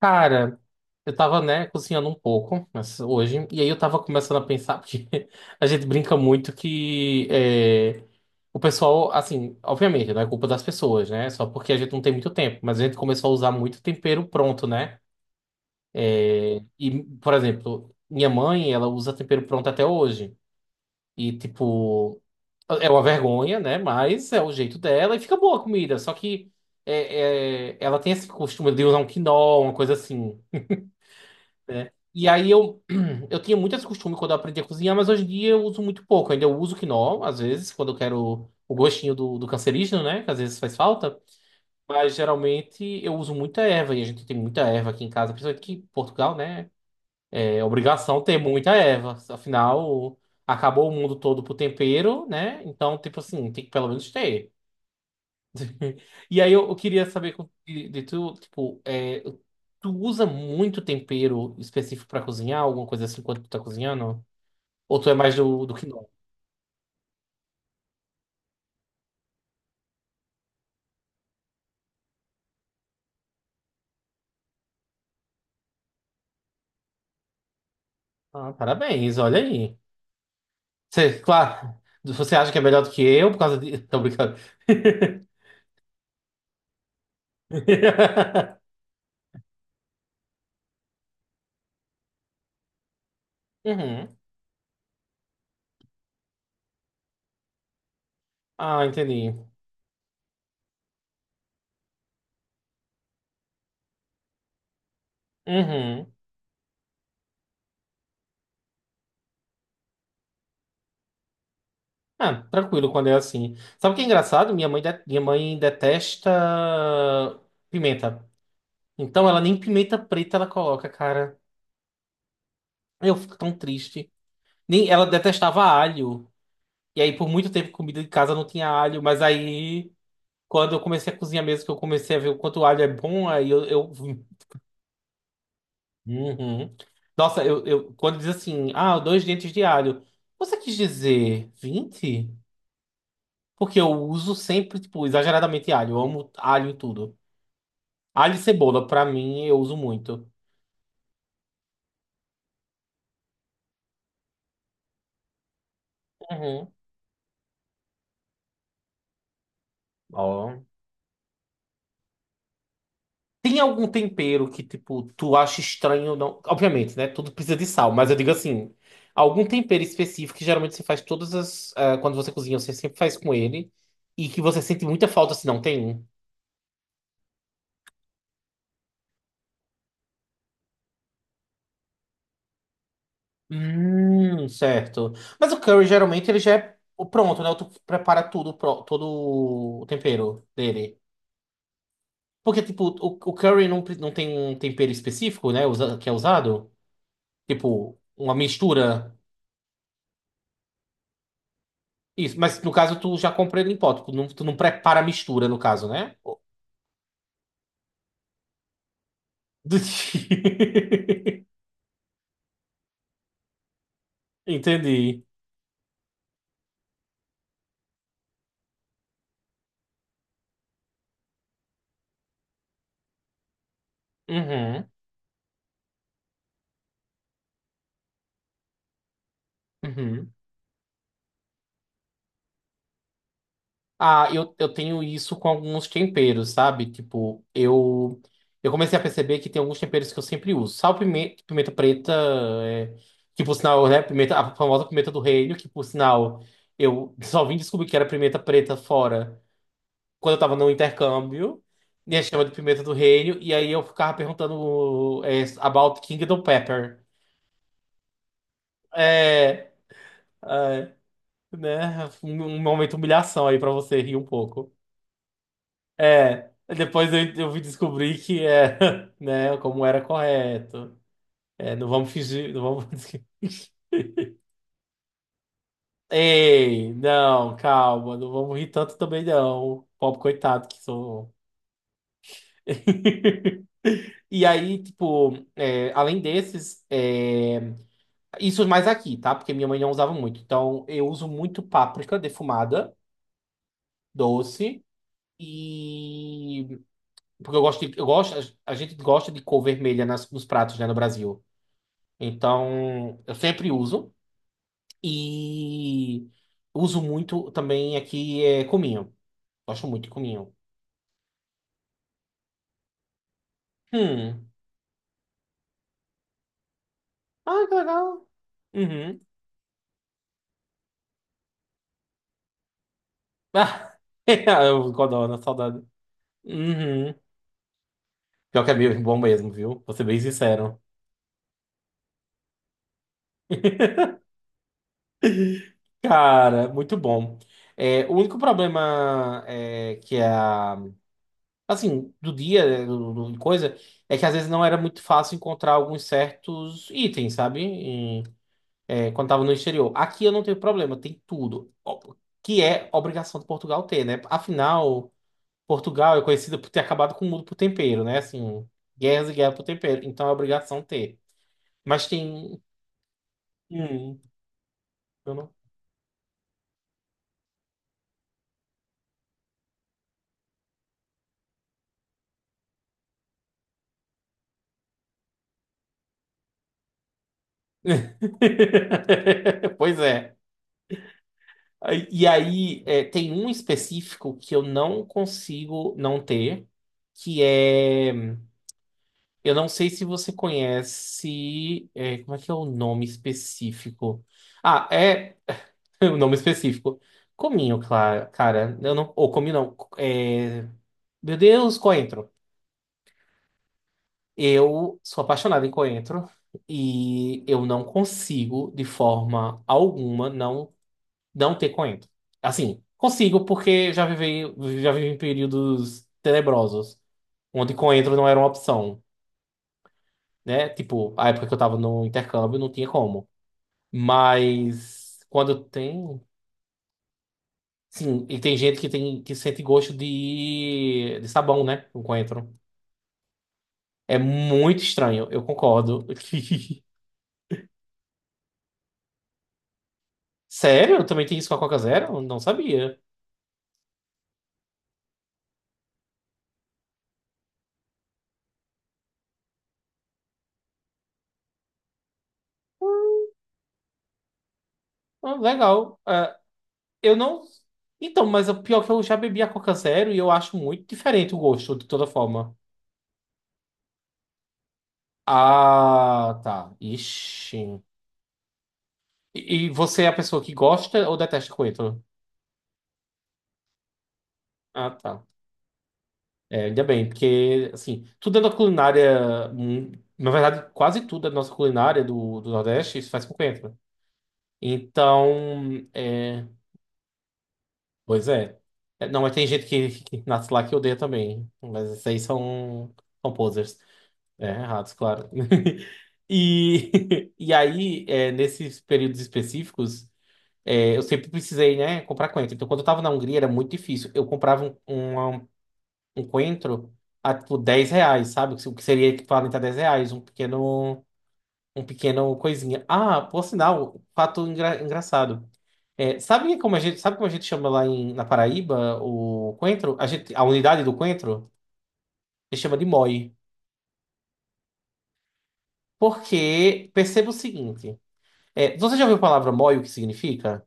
Cara, eu tava, né, cozinhando um pouco mas hoje, e aí eu tava começando a pensar, porque a gente brinca muito que é, o pessoal, assim, obviamente, não é culpa das pessoas, né? Só porque a gente não tem muito tempo, mas a gente começou a usar muito tempero pronto, né? É, e, por exemplo, minha mãe, ela usa tempero pronto até hoje. E, tipo, é uma vergonha, né? Mas é o jeito dela e fica boa a comida. Só que ela tem esse costume de usar um quinol, uma coisa assim, né? E aí eu, eu tinha muito esse costume quando eu aprendi a cozinhar, mas hoje em dia eu uso muito pouco. Ainda eu uso quinol, às vezes, quando eu quero o gostinho do cancerígeno, né? Que às vezes faz falta. Mas geralmente eu uso muita erva, e a gente tem muita erva aqui em casa, principalmente que em Portugal, né? É obrigação ter muita erva. Afinal, acabou o mundo todo pro tempero, né? Então, tipo assim, tem que pelo menos ter. E aí eu queria saber com- de tu, tipo, é, tu usa muito tempero específico pra cozinhar, alguma coisa assim, quando tu tá cozinhando? Ou tu é mais do que não? Ah, parabéns, olha aí. Você, claro, você acha que é melhor do que eu por causa de... Tô brincando. Uhum. Ah, entendi. Uhum. Ah, tranquilo quando é assim. Sabe o que é engraçado? Minha mãe, de- minha mãe detesta pimenta. Então ela nem pimenta preta ela coloca, cara. Eu fico tão triste. Nem, ela detestava alho. E aí, por muito tempo, comida de casa não tinha alho. Mas aí, quando eu comecei a cozinhar mesmo, que eu comecei a ver o quanto o alho é bom, aí eu. Eu- Uhum. Nossa, eu- quando diz assim, ah, dois dentes de alho. Você quis dizer vinte. Porque eu uso sempre, tipo, exageradamente alho. Eu amo alho em tudo. Alho e cebola, pra mim, eu uso muito. Uhum. Ó. Tem algum tempero que, tipo, tu acha estranho? Não... Obviamente, né? Tudo precisa de sal, mas eu digo assim: algum tempero específico que geralmente você faz todas as. Ah, quando você cozinha, você sempre faz com ele. E que você sente muita falta se não tem. Um? Certo. Mas o curry, geralmente, ele já é o pronto, né? Tu prepara tudo, pro- todo o tempero dele. Porque, tipo, o curry não, pre- não tem um tempero específico, né? Usa- que é usado. Tipo, uma mistura. Isso, mas no caso tu já compra ele em pó, tu não prepara a mistura, no caso, né? O- Entendi. Uhum, uhum. Ah, eu tenho isso com alguns temperos, sabe? Tipo, eu comecei a perceber que tem alguns temperos que eu sempre uso. Sal, pimenta, pimenta preta, é, que por sinal, né? Pimenta, a famosa pimenta do reino, que por sinal, eu só vim descobrir que era pimenta preta fora. Quando eu tava no intercâmbio, e a gente chama de pimenta do reino, e aí eu ficava perguntando é, about Kingdom Pepper. É, é, né? Um momento de humilhação aí pra você rir um pouco. É, depois eu vim descobrir que é, né, como era correto. É, não vamos fingir, não vamos. Ei, não, calma, não vamos rir tanto também não. Pobre coitado que sou. E aí, tipo, é, além desses, é, isso mais aqui, tá? Porque minha mãe não usava muito. Então, eu uso muito páprica defumada, doce. E porque eu gosto de, eu gosto, a gente gosta de cor vermelha nas, nos pratos, né, no Brasil. Então, eu sempre uso e uso muito também aqui é cominho. Gosto muito de cominho. Hum. Ah, que legal. Uhum. Ah, eu adoro, saudade. Uhum. Pior que é meio bom mesmo, viu? Vou ser bem sincero. Cara, muito bom. É, o único problema é, que é a, assim, do dia, né, do, do- de coisa, é que às vezes não era muito fácil encontrar alguns certos itens, sabe? Em- é, quando tava no exterior. Aqui eu não tenho problema, tem tudo. Ó, que é obrigação de Portugal ter, né? Afinal, Portugal é conhecida por ter acabado com o mundo por tempero, né? Assim, guerras e guerras por tempero. Então é obrigação ter. Mas tem. Hum, eu não. Pois é. Aí- e aí, é, tem um específico que eu não consigo não ter, que é. Eu não sei se você conhece. É, como é que é o nome específico? Ah, é. O nome específico. Cominho, cla- cara. Eu não, ou cominho não. É, meu Deus, coentro. Eu sou apaixonado em coentro e eu não consigo, de forma alguma, não não ter coentro. Assim, consigo porque já vivi em períodos tenebrosos, onde coentro não era uma opção, né? Tipo, a época que eu tava no intercâmbio não tinha como. Mas quando tem, sim, e tem gente que tem que sente gosto de sabão, né? Com coentro. É muito estranho, eu concordo. Sério? Também tem isso com a Coca Zero? Não sabia. Ah, legal. Ah, eu não. Então, mas o pior é que eu já bebi a Coca Zero e eu acho muito diferente o gosto, de toda forma. Ah, tá. Ixi. E você é a pessoa que gosta ou detesta coentro? Ah, tá. É, ainda bem, porque, assim, tudo é da culinária. Hum, na verdade, quase tudo da nossa culinária do, do Nordeste se faz com coentro. Então, é. Pois é. É, não, mas tem gente que nasce lá que odeia também. Mas esses aí são, são posers. É, ratos, claro. E, e aí, é, nesses períodos específicos, é, eu sempre precisei, né, comprar coentro. Então, quando eu tava na Hungria, era muito difícil. Eu comprava um, um, um coentro a, tipo, R$ 10, sabe? O que seria equivalente a R$ 10, um pequeno coisinha. Ah, por sinal, fato engra- engraçado. É, sabe como a gente, sabe como a gente chama lá em, na Paraíba o coentro? A gente, a unidade do coentro, a gente chama de moi. Porque perceba o seguinte. É, você já ouviu a palavra moi, o que significa?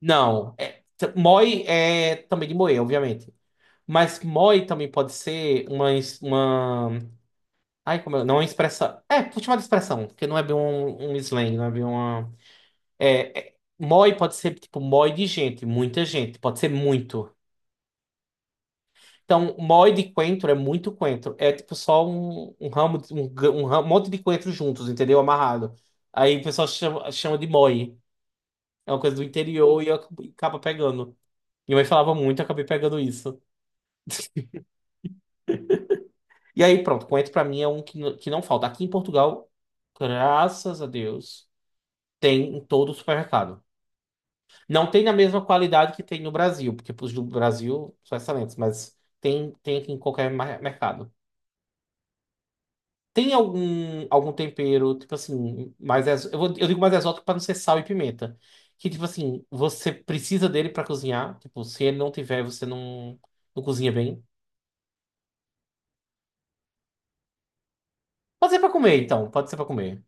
Não. É, t- moi é também de moer, obviamente. Mas moi também pode ser uma, es- uma... Ai, como é? Não é uma expressão. É, vou chamar de expressão, porque não é bem um slang, não é bem uma... moi pode ser, tipo, moi de gente, muita gente. Pode ser muito. Então, moi de coentro é muito coentro. É, tipo, só um, um ramo, de- um, g- um ra- um monte de coentro juntos, entendeu? Amarrado. Aí o pessoal chama, chama de moi. É uma coisa do interior e acaba pegando. Minha mãe falava muito, eu acabei pegando isso. E aí, pronto, coentro pra mim é um que, n- que não falta. Aqui em Portugal, graças a Deus, tem em todo o supermercado. Não tem na mesma qualidade que tem no Brasil, porque os do Brasil são excelentes, mas tem, tem aqui em qualquer mar- mercado. Tem algum, algum tempero, tipo assim, mais ex... eu, vou- eu digo mais exótico para não ser sal e pimenta. Que, tipo assim, você precisa dele para cozinhar. Tipo, se ele não tiver, você não, não cozinha bem. Pode ser para comer, então. Pode ser para comer.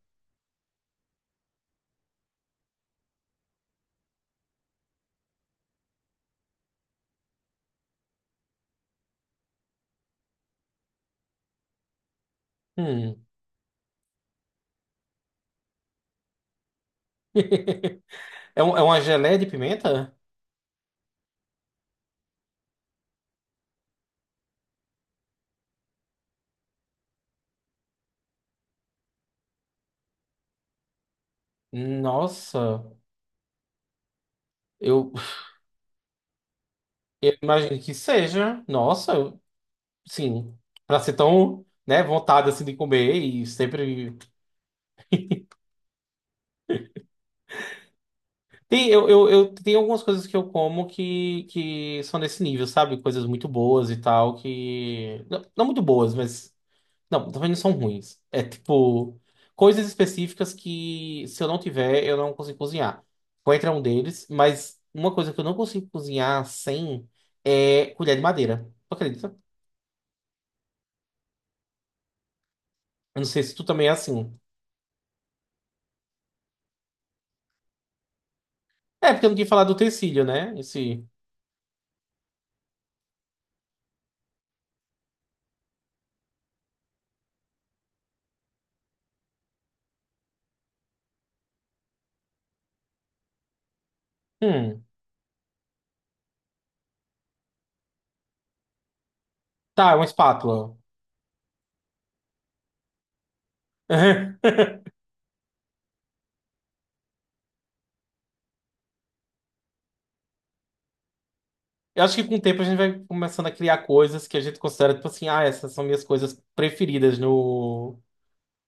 Hum. É, um- é uma geleia de pimenta? Nossa, eu, eu imagino que seja. Nossa, eu- sim. Pra ser tão, né, vontade assim de comer e sempre. Tem, eu tenho algumas coisas que eu como que são desse nível, sabe? Coisas muito boas e tal, que. Não, não muito boas, mas. Não, também não são ruins. É tipo, coisas específicas que se eu não tiver, eu não consigo cozinhar. Coentro é um deles, mas uma coisa que eu não consigo cozinhar sem é colher de madeira. Tu acredita? Eu não sei se tu também é assim. É, porque eu não tinha falado do utensílio, né? Esse. Hum. Tá, é uma espátula. Eu acho que com o tempo a gente vai começando a criar coisas que a gente considera, tipo assim, ah, essas são minhas coisas preferidas no...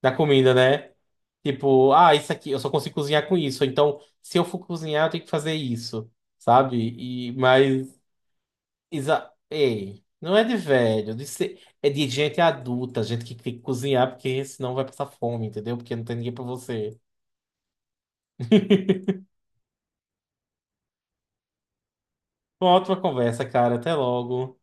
na comida, né? Tipo, ah, isso aqui, eu só consigo cozinhar com isso. Então, se eu for cozinhar, eu tenho que fazer isso, sabe? E, mas, exa ei, não é de velho, de ser- é de gente adulta, gente que tem que cozinhar, porque senão vai passar fome, entendeu? Porque não tem ninguém pra você. Uma ótima conversa, cara. Até logo.